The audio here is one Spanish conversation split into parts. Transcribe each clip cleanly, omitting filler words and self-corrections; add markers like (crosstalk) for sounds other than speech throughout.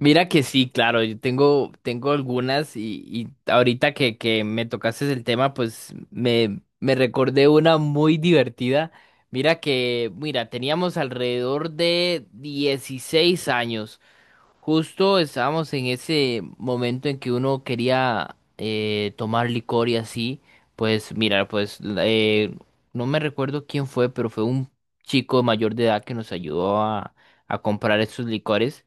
Mira que sí, claro, yo tengo, tengo algunas y ahorita que me tocaste el tema, pues me recordé una muy divertida. Mira que, mira, teníamos alrededor de 16 años. Justo estábamos en ese momento en que uno quería tomar licor y así. Pues mira, pues no me recuerdo quién fue, pero fue un chico mayor de edad que nos ayudó a comprar estos licores.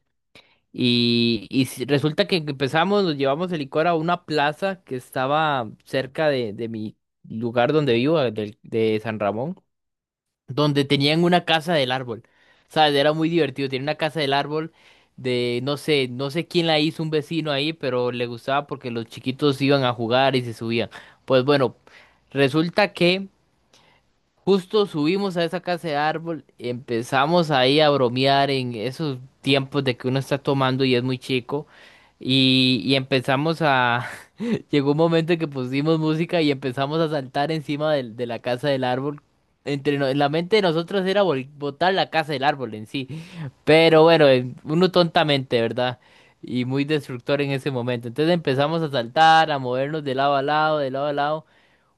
Resulta que empezamos, nos llevamos el licor a una plaza que estaba cerca de mi lugar donde vivo, de San Ramón, donde tenían una casa del árbol. ¿Sabes? Era muy divertido. Tenía una casa del árbol de, no sé, no sé quién la hizo, un vecino ahí, pero le gustaba porque los chiquitos iban a jugar y se subían. Pues bueno, resulta que justo subimos a esa casa de árbol, empezamos ahí a bromear en esos tiempos de que uno está tomando y es muy chico. Y empezamos a... (laughs) Llegó un momento en que pusimos música y empezamos a saltar encima de la casa del árbol. Entre no- en la mente de nosotros era botar la casa del árbol en sí. Pero bueno, uno tontamente, ¿verdad? Y muy destructor en ese momento. Entonces empezamos a saltar, a movernos de lado a lado, de lado a lado.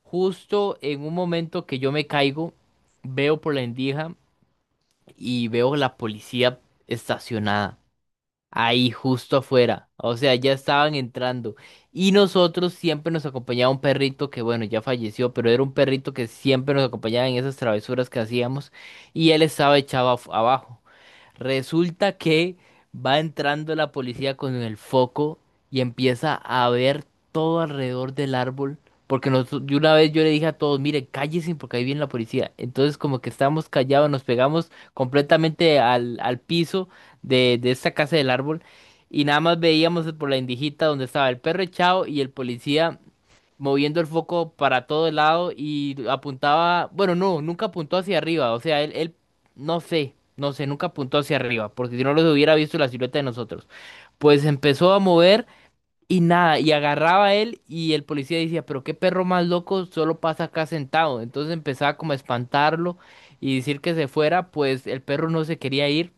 Justo en un momento que yo me caigo, veo por la endija y veo la policía estacionada ahí justo afuera. O sea, ya estaban entrando. Y nosotros siempre nos acompañaba un perrito que, bueno, ya falleció, pero era un perrito que siempre nos acompañaba en esas travesuras que hacíamos y él estaba abajo. Resulta que va entrando la policía con el foco y empieza a ver todo alrededor del árbol. Porque nosotros, yo una vez yo le dije a todos, miren, cállense porque ahí viene la policía. Entonces como que estábamos callados, nos pegamos completamente al piso de esta casa del árbol y nada más veíamos por la indijita donde estaba el perro echado y el policía moviendo el foco para todo el lado y apuntaba, bueno, no, nunca apuntó hacia arriba, o sea, él, no sé, no sé, nunca apuntó hacia arriba, porque si no los hubiera visto la silueta de nosotros. Pues empezó a mover y nada, y agarraba a él y el policía decía, pero qué perro más loco, solo pasa acá sentado. Entonces empezaba como a espantarlo y decir que se fuera, pues el perro no se quería ir.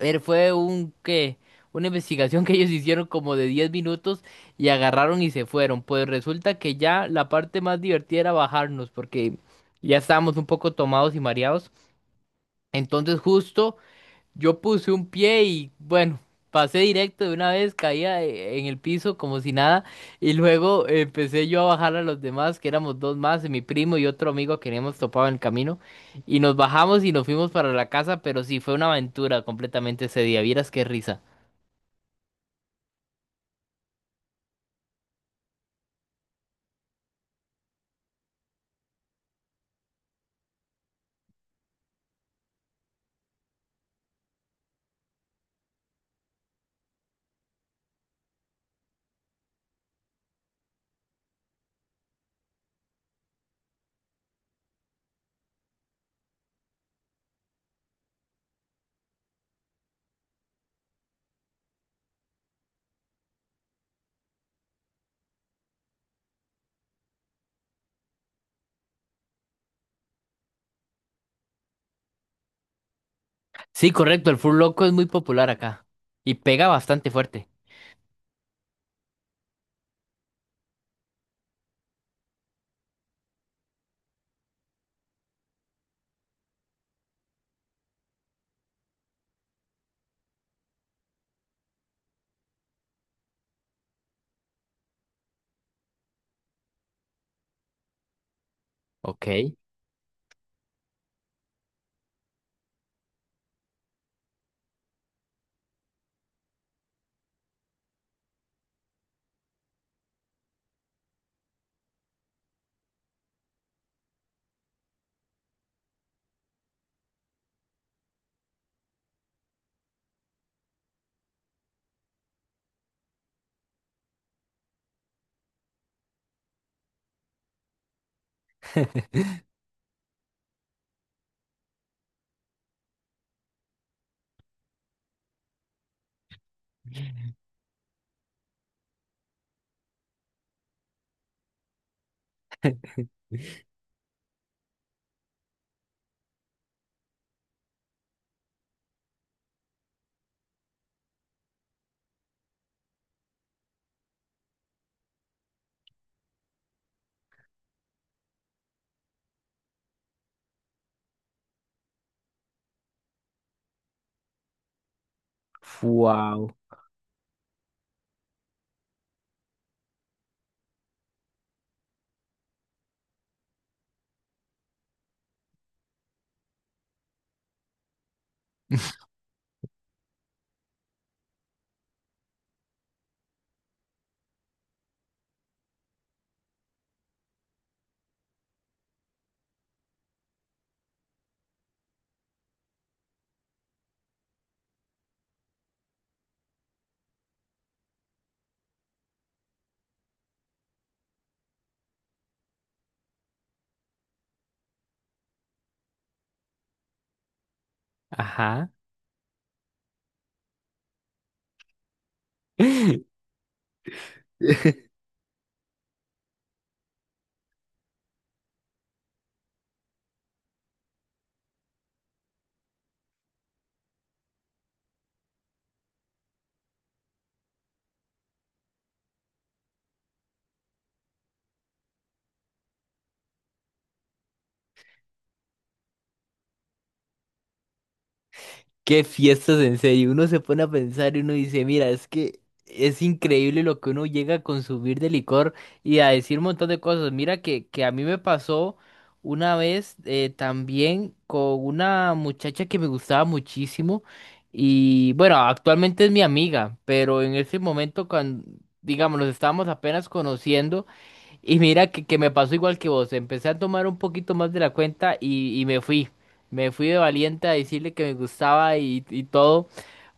Él fue un que Una investigación que ellos hicieron como de 10 minutos y agarraron y se fueron. Pues resulta que ya la parte más divertida era bajarnos porque ya estábamos un poco tomados y mareados. Entonces justo yo puse un pie y bueno, pasé directo de una vez, caía en el piso como si nada y luego empecé yo a bajar a los demás, que éramos dos más, mi primo y otro amigo que habíamos topado en el camino y nos bajamos y nos fuimos para la casa, pero sí fue una aventura completamente ese día, vieras qué risa. Sí, correcto, el fur loco es muy popular acá y pega bastante fuerte. Ok. Wow. Ajá. (laughs) Qué fiestas, en serio. Uno se pone a pensar y uno dice, mira, es que es increíble lo que uno llega a consumir de licor y a decir un montón de cosas. Mira que a mí me pasó una vez también con una muchacha que me gustaba muchísimo y bueno, actualmente es mi amiga, pero en ese momento cuando, digamos, nos estábamos apenas conociendo. Y mira que me pasó igual que vos, empecé a tomar un poquito más de la cuenta y me fui de valiente a decirle que me gustaba y todo,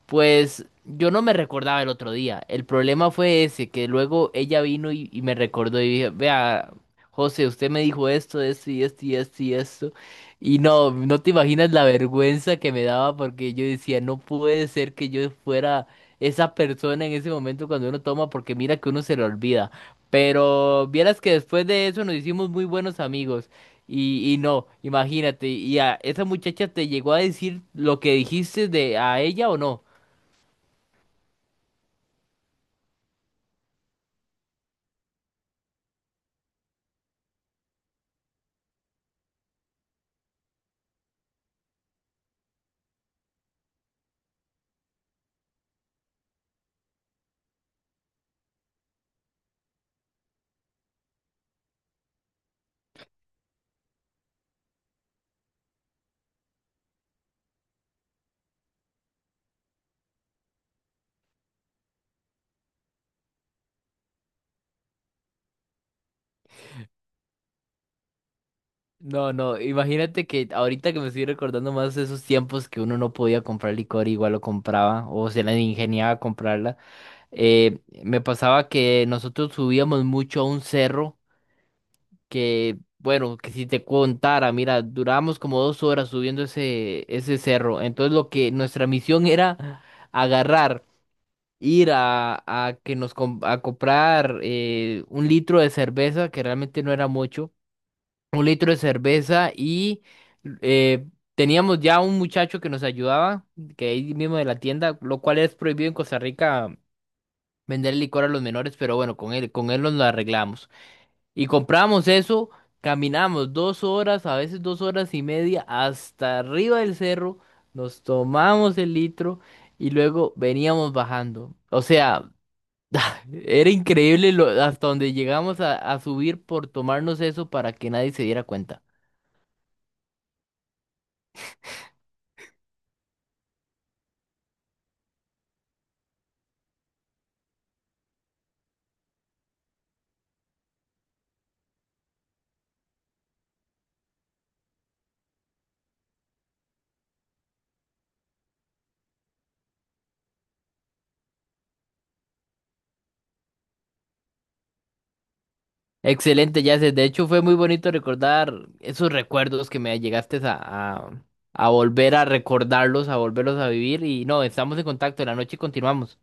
pues yo no me recordaba el otro día. El problema fue ese, que luego ella vino y me recordó y dije, vea, José, usted me dijo esto, esto y esto y esto y esto. Y no, no te imaginas la vergüenza que me daba porque yo decía, no puede ser que yo fuera esa persona en ese momento cuando uno toma, porque mira que uno se lo olvida. Pero vieras que después de eso nos hicimos muy buenos amigos. Y no, imagínate, ¿y a esa muchacha te llegó a decir lo que dijiste de a ella o no? No, no, imagínate que ahorita que me estoy recordando más de esos tiempos que uno no podía comprar licor, igual lo compraba o se la ingeniaba a comprarla. Me pasaba que nosotros subíamos mucho a un cerro que, bueno, que si te contara, mira, durábamos como 2 horas subiendo ese, ese cerro. Entonces lo que nuestra misión era agarrar, ir a, a comprar un litro de cerveza, que realmente no era mucho, un litro de cerveza y eh, teníamos ya un muchacho que nos ayudaba, que ahí mismo de la tienda, lo cual es prohibido en Costa Rica vender licor a los menores, pero bueno, con él nos lo arreglamos. Y compramos eso, caminamos 2 horas, a veces 2 horas y media, hasta arriba del cerro, nos tomamos el litro y luego veníamos bajando. O sea, era increíble lo, hasta donde llegamos a subir por tomarnos eso para que nadie se diera cuenta. Excelente, Yacel. De hecho, fue muy bonito recordar esos recuerdos que me llegaste a volver a recordarlos, a volverlos a vivir. Y no, estamos en contacto. En la noche continuamos.